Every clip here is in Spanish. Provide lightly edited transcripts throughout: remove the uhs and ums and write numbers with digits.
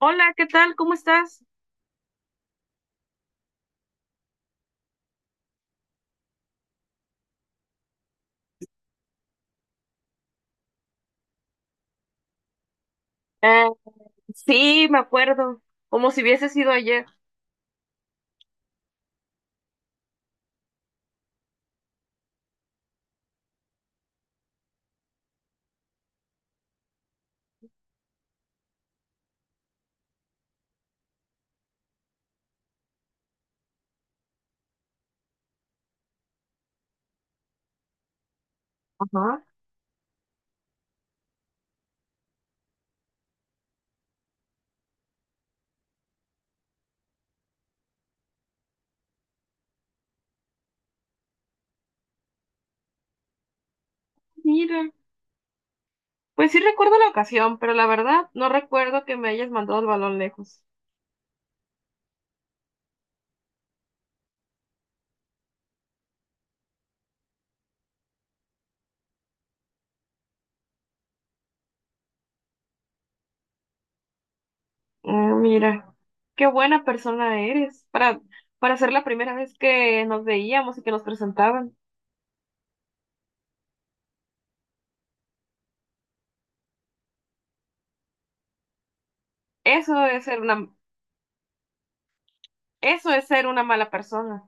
Hola, ¿qué tal? ¿Cómo estás? Ah, sí, me acuerdo, como si hubiese sido ayer. Ajá. Mira, pues sí recuerdo la ocasión, pero la verdad no recuerdo que me hayas mandado el balón lejos. Ah, mira, qué buena persona eres para ser la primera vez que nos veíamos y que nos presentaban. Eso es ser una, Eso es ser una mala persona.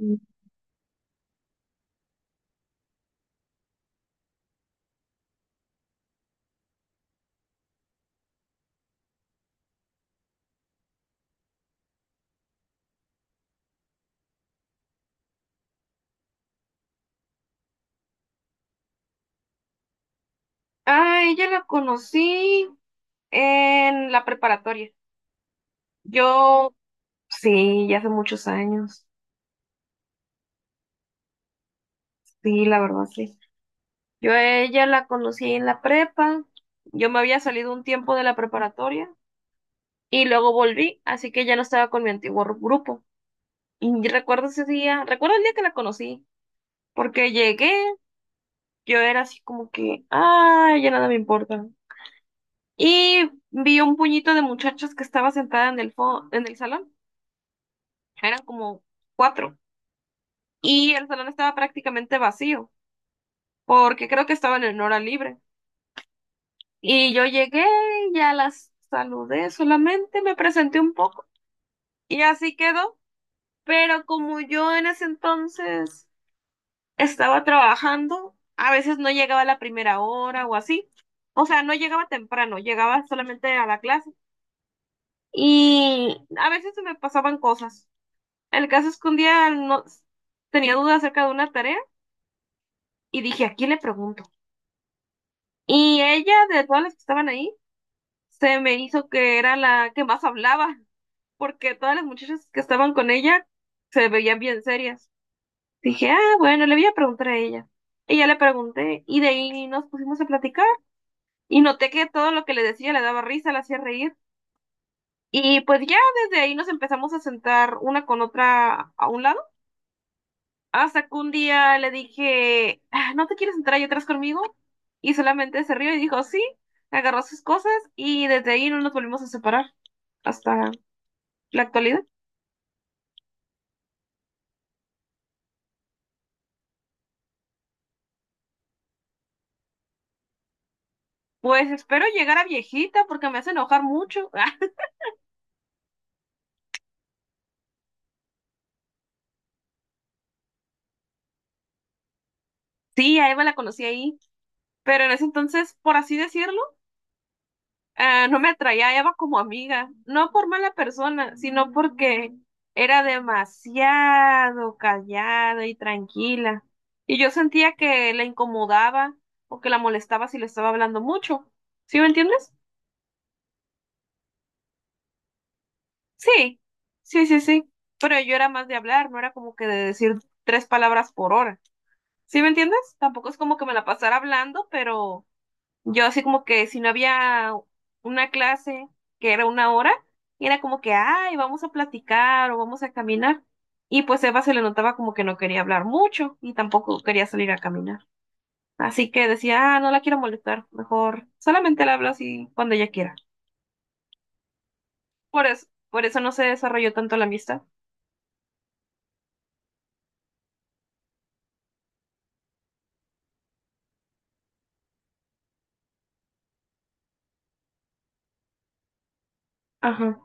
Mm. Ah, ella la conocí en la preparatoria. Yo, sí, ya hace muchos años. Sí, la verdad, sí. Yo a ella la conocí en la prepa, yo me había salido un tiempo de la preparatoria y luego volví, así que ya no estaba con mi antiguo grupo. Y recuerdo el día que la conocí, porque llegué, yo era así como que, ah, ya nada me importa. Y vi un puñito de muchachas que estaba sentada en el en el salón, eran como cuatro, y el salón estaba prácticamente vacío, porque creo que estaban en hora libre. Y yo llegué, ya las saludé, solamente me presenté un poco y así quedó. Pero como yo en ese entonces estaba trabajando, a veces no llegaba a la primera hora o así. O sea, no llegaba temprano, llegaba solamente a la clase. Y a veces se me pasaban cosas. El caso es que un día no, tenía dudas acerca de una tarea y dije, ¿a quién le pregunto? Y ella, de todas las que estaban ahí, se me hizo que era la que más hablaba. Porque todas las muchachas que estaban con ella se veían bien serias. Dije, ah, bueno, le voy a preguntar a ella. Y ya le pregunté, y de ahí nos pusimos a platicar, y noté que todo lo que le decía le daba risa, le hacía reír. Y pues ya desde ahí nos empezamos a sentar una con otra a un lado, hasta que un día le dije, "Ah, ¿no te quieres sentar ahí atrás conmigo?" Y solamente se rió y dijo, sí, agarró sus cosas, y desde ahí no nos volvimos a separar hasta la actualidad. Pues espero llegar a viejita porque me hace enojar mucho. Ah, sí, a Eva la conocí ahí, pero en ese entonces, por así decirlo, ah, no me atraía a Eva como amiga, no por mala persona, sino porque era demasiado callada y tranquila. Y yo sentía que la incomodaba o que la molestaba si le estaba hablando mucho. ¿Sí me entiendes? Sí, sí, sí, sí. Pero yo era más de hablar, no era como que de decir tres palabras por hora. ¿Sí me entiendes? Tampoco es como que me la pasara hablando, pero yo así como que si no había una clase que era una hora, era como que, ay, vamos a platicar o vamos a caminar. Y pues Eva se le notaba como que no quería hablar mucho y tampoco quería salir a caminar. Así que decía, ah, no la quiero molestar, mejor solamente la hablo así cuando ella quiera. Por eso no se desarrolló tanto la amistad. Ajá.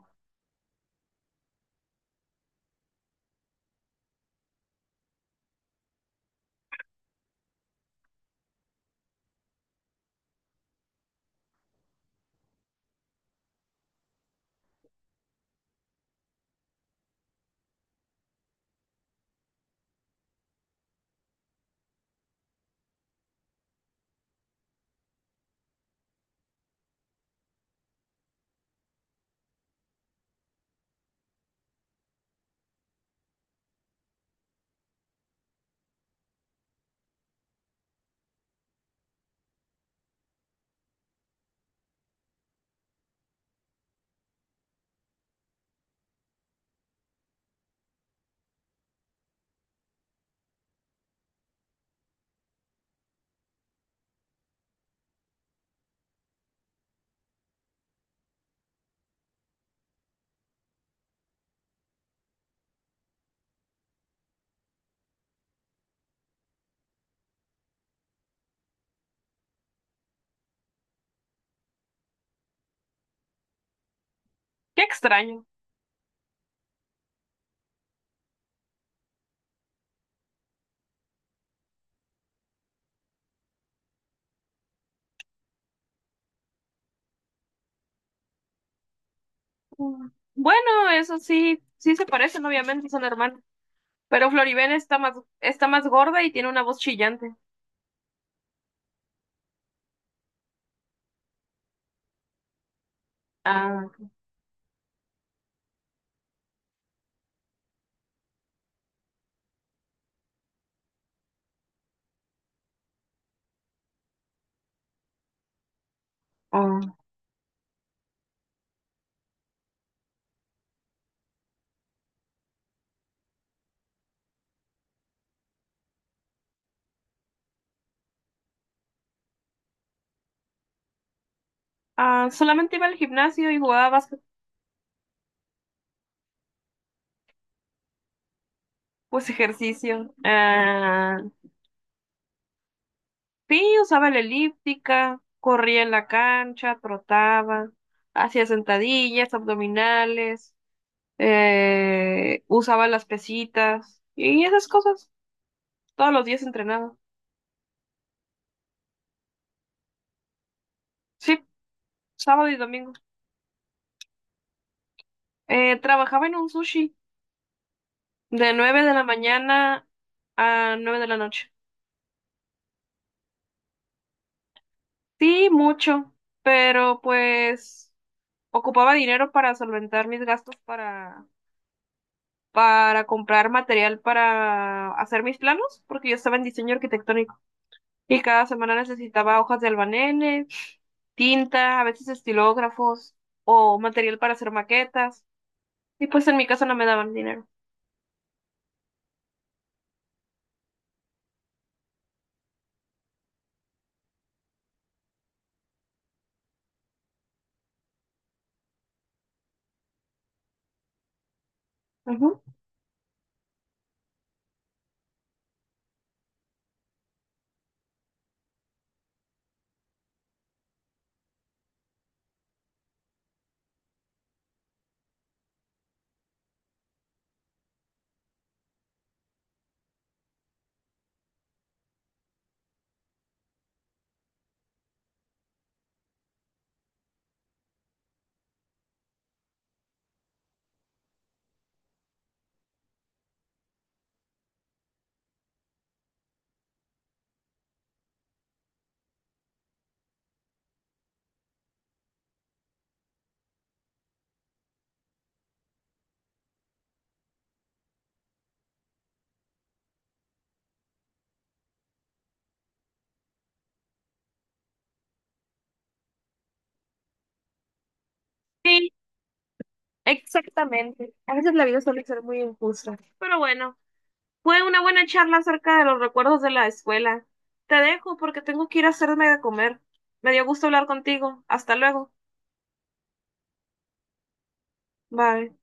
Qué extraño. Mm. Bueno, eso sí, sí se parecen, obviamente, son hermanos. Pero Floribel está más gorda y tiene una voz chillante. Ah, oh. Ah, solamente iba al gimnasio y jugaba básquet, pues ejercicio. Ah, sí, usaba la elíptica, corría en la cancha, trotaba, hacía sentadillas, abdominales, usaba las pesitas y esas cosas. Todos los días entrenaba. Sí, sábado y domingo. Trabajaba en un sushi de 9 de la mañana a 9 de la noche. Sí, mucho, pero pues ocupaba dinero para solventar mis gastos para comprar material para hacer mis planos, porque yo estaba en diseño arquitectónico y cada semana necesitaba hojas de albanene, tinta, a veces estilógrafos o material para hacer maquetas y pues en mi casa no me daban dinero. Ujú. Sí, exactamente. A veces la vida suele ser muy injusta, pero bueno. Fue una buena charla acerca de los recuerdos de la escuela. Te dejo porque tengo que ir a hacerme de comer. Me dio gusto hablar contigo. Hasta luego. Bye.